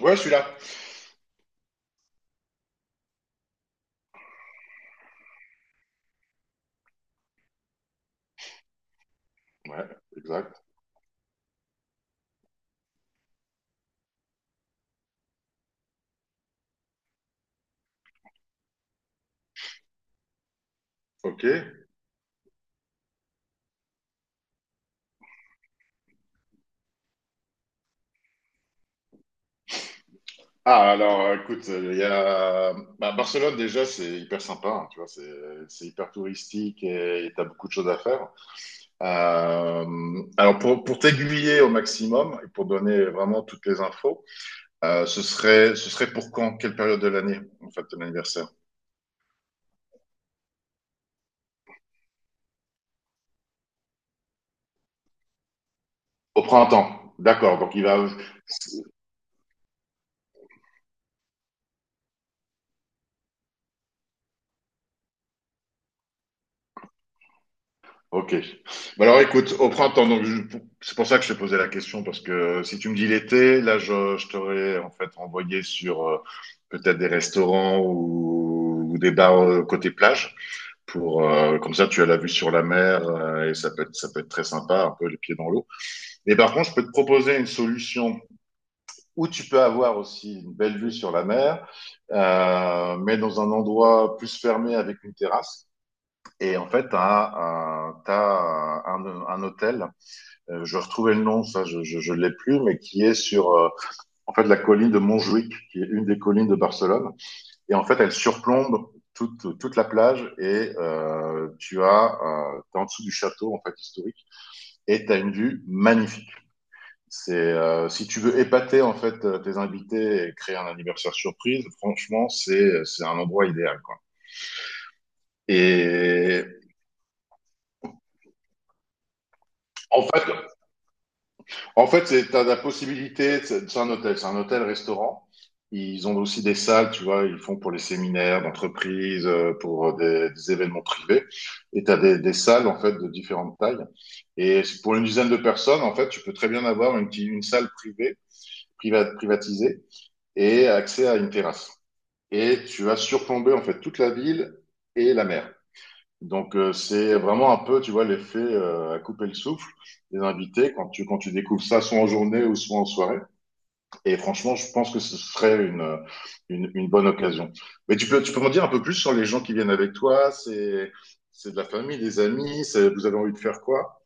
Ouais, je suis là. Ouais, exact. Ok. Écoute, il y a... Barcelone, déjà, c'est hyper sympa, hein, tu vois, c'est hyper touristique et t'as beaucoup de choses à faire. Pour t'aiguiller au maximum et pour donner vraiment toutes les infos, ce serait pour quand? Quelle période de l'année, en fait, ton anniversaire? Au printemps. D'accord, donc il va... Ok. Alors écoute, au printemps, c'est pour ça que je te posais la question, parce que si tu me dis l'été, je t'aurais en fait envoyé sur peut-être des restaurants ou des bars côté plage, pour comme ça tu as la vue sur la mer et ça peut être très sympa, un peu les pieds dans l'eau. Mais par contre, je peux te proposer une solution où tu peux avoir aussi une belle vue sur la mer, mais dans un endroit plus fermé avec une terrasse. Et en fait, un hôtel, je retrouvais le nom, je l'ai plus, mais qui est sur en fait la colline de Montjuïc, qui est une des collines de Barcelone. Et en fait, elle surplombe toute la plage et tu as t'es en dessous du château en fait historique et t'as une vue magnifique. C'est si tu veux épater en fait tes invités et créer un anniversaire surprise, franchement, c'est un endroit idéal quoi. Et en fait, En fait, tu as la possibilité, c'est un hôtel, c'est un hôtel-restaurant. Ils ont aussi des salles, tu vois, ils font pour les séminaires d'entreprise, pour des événements privés. Et tu as des salles, en fait, de différentes tailles. Et pour une dizaine de personnes, en fait, tu peux très bien avoir une salle privée, privatisée, et accès à une terrasse. Et tu vas surplomber, en fait, toute la ville et la mer. Donc, c'est vraiment un peu, tu vois, l'effet à couper le souffle des invités quand tu découvres ça, soit en journée ou soit en soirée. Et franchement, je pense que ce serait une bonne occasion. Mais tu peux m'en dire un peu plus sur les gens qui viennent avec toi? C'est de la famille, des amis? Vous avez envie de faire quoi?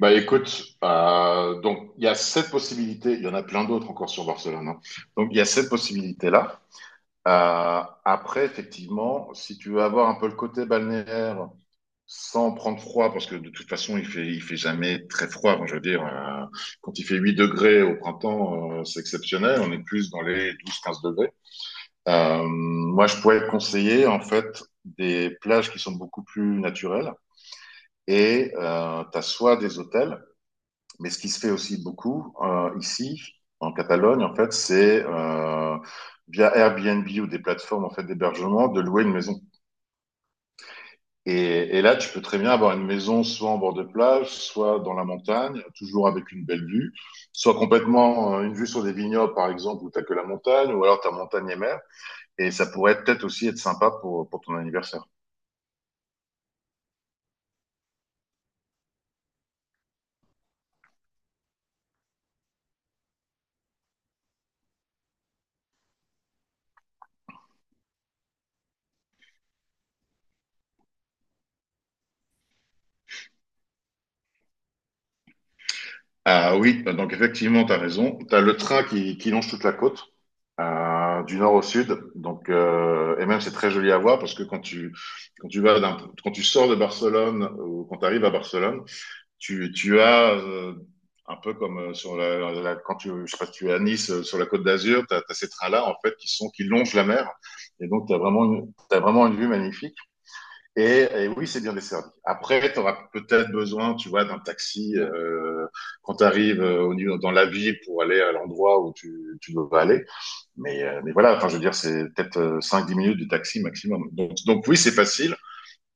Bah écoute, donc il y a cette possibilité, il y en a plein d'autres encore sur Barcelone, hein. Donc il y a cette possibilité-là. Après, effectivement, si tu veux avoir un peu le côté balnéaire, sans prendre froid, parce que de toute façon, il fait jamais très froid. Enfin, je veux dire, quand il fait 8 degrés au printemps, c'est exceptionnel. On est plus dans les 12, 15 degrés. Moi, je pourrais conseiller, en fait, des plages qui sont beaucoup plus naturelles. Et tu as soit des hôtels, mais ce qui se fait aussi beaucoup ici, en Catalogne, en fait, c'est via Airbnb ou des plateformes en fait, d'hébergement, de louer une maison. Et là, tu peux très bien avoir une maison soit en bord de plage, soit dans la montagne, toujours avec une belle vue, soit complètement une vue sur des vignobles, par exemple, où t'as que la montagne, ou alors t'as montagne et mer. Et ça pourrait peut-être aussi être sympa pour ton anniversaire. Ah oui, donc effectivement, t'as raison. T'as le train qui longe toute la côte, du nord au sud, donc et même c'est très joli à voir parce que quand tu vas d'un quand tu sors de Barcelone ou quand tu arrives à Barcelone, tu as, un peu comme sur quand tu, je sais pas si tu es à Nice, sur la Côte d'Azur, tu as ces trains-là, en fait, qui longent la mer. Et donc, tu as vraiment une, t'as vraiment une vue magnifique. Et oui, c'est bien desservi. Après, tu auras peut-être besoin, tu vois, d'un taxi quand tu arrives dans la ville pour aller à l'endroit tu dois aller. Mais voilà, enfin, je veux dire, c'est peut-être 5-10 minutes de taxi maximum. Donc oui, c'est facile,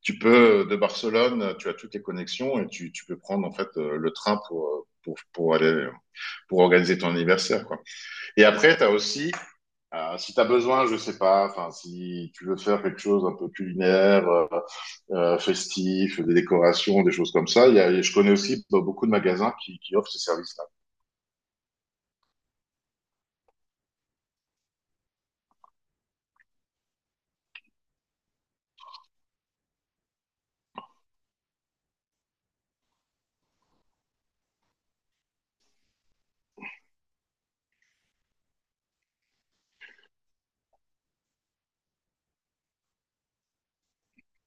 de Barcelone, tu as toutes les connexions et tu peux prendre en fait le train pour aller, pour organiser ton anniversaire, quoi. Et après, t'as aussi, si t'as besoin, je sais pas, enfin, si tu veux faire quelque chose un peu culinaire, festif, des décorations, des choses comme ça, je connais aussi beaucoup de magasins qui offrent ces services-là.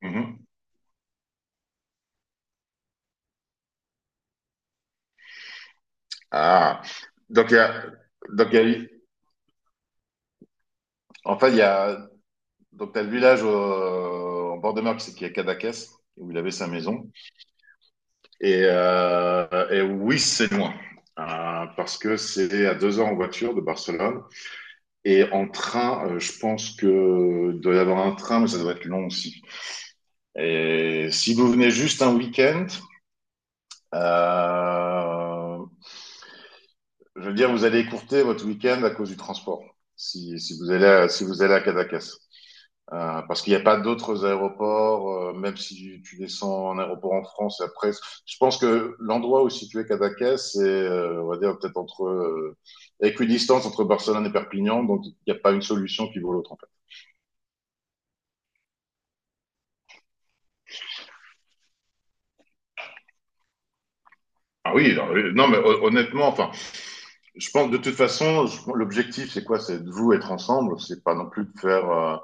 Mhm. Ah, donc il y a, donc il y a, eu- en fait, il y a, donc t'as le village en bord de mer qui est Cadaqués, où il avait sa maison. Et oui, c'est loin. Parce que c'est à 2 heures en voiture de Barcelone. Et en train, je pense que il doit y avoir un train, mais ça doit être long aussi. Et si vous venez juste un week-end, euh, je veux dire, vous allez écourter votre week-end à cause du transport. Si vous allez si vous allez à Cadaqués. Parce qu'il n'y a pas d'autres aéroports, même si tu descends en aéroport en France et après, je pense que l'endroit où situé Cadaqués, c'est, on va dire, peut-être entre, équidistance entre Barcelone et Perpignan, donc il n'y a pas une solution qui vaut l'autre, en fait. Ah oui, non, oui, non, mais hon- honnêtement, enfin, je pense, de toute façon, l'objectif, c'est quoi? C'est de vous être ensemble, c'est pas non plus de faire,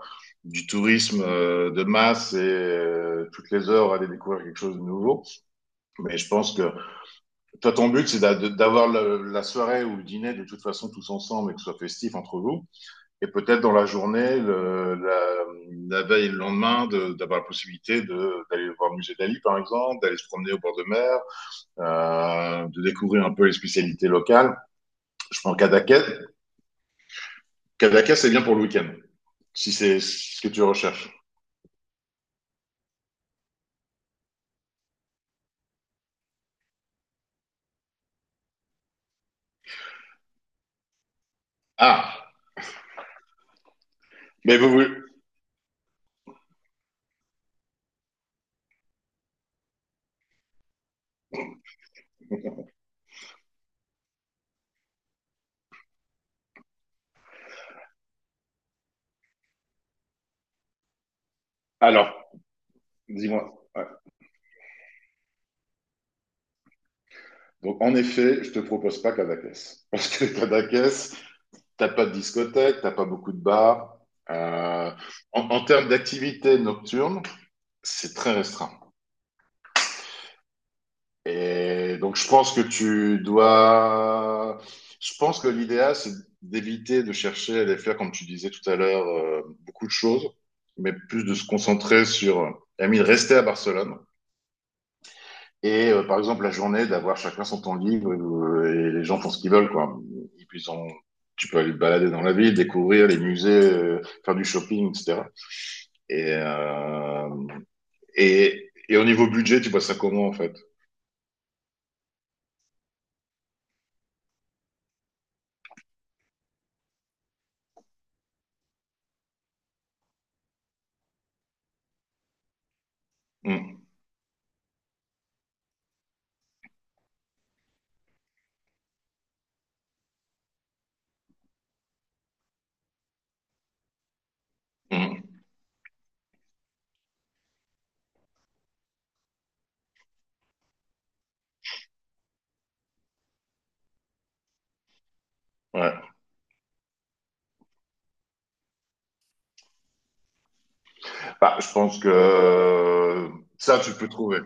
du tourisme de masse et toutes les heures aller découvrir quelque chose de nouveau. Mais je pense que toi, ton but, c'est d'avoir la soirée ou le dîner de toute façon tous ensemble et que ce soit festif entre vous. Et peut-être dans la journée, la veille et le lendemain, d'avoir la possibilité d'aller voir le musée d'Ali, par exemple, d'aller se promener au bord de mer, de découvrir un peu les spécialités locales. Je prends Cadaqués. Cadaqués, c'est bien pour le week-end, si c'est ce que tu recherches. Ah, mais vous, vous... Alors, dis-moi. Ouais. Donc, en effet, je te propose pas Cadaqués. Parce que Cadaqués, t'as pas de discothèque, t'as pas beaucoup de bars. Euh, en termes d'activité nocturne, c'est très restreint. Et donc, je pense que tu dois. Je pense que l'idéal, c'est d'éviter de chercher à les faire, comme tu disais tout à l'heure, beaucoup de choses, mais plus de se concentrer sur. Ami, de rester à Barcelone. Par exemple, la journée, d'avoir chacun son temps libre et les gens font ce qu'ils veulent, quoi. Ils- Ils ont... Tu peux aller te balader dans la ville, découvrir les musées, faire du shopping, etc. Et, euh, et au niveau budget, tu vois ça comment en fait? Hum, hum, ouais. Bah, je pense que ça, tu peux trouver.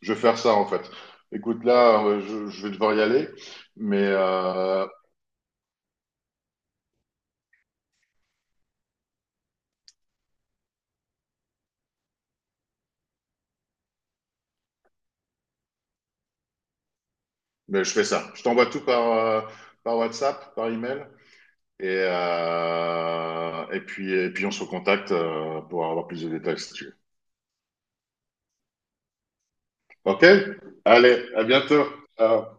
Je vais faire ça en fait. Écoute, je vais devoir y aller, mais, euh, mais je fais ça. Je t'envoie tout par, par WhatsApp, par email, et puis on se recontacte pour avoir plus de détails si tu veux. OK? Allez, à bientôt. Ciao.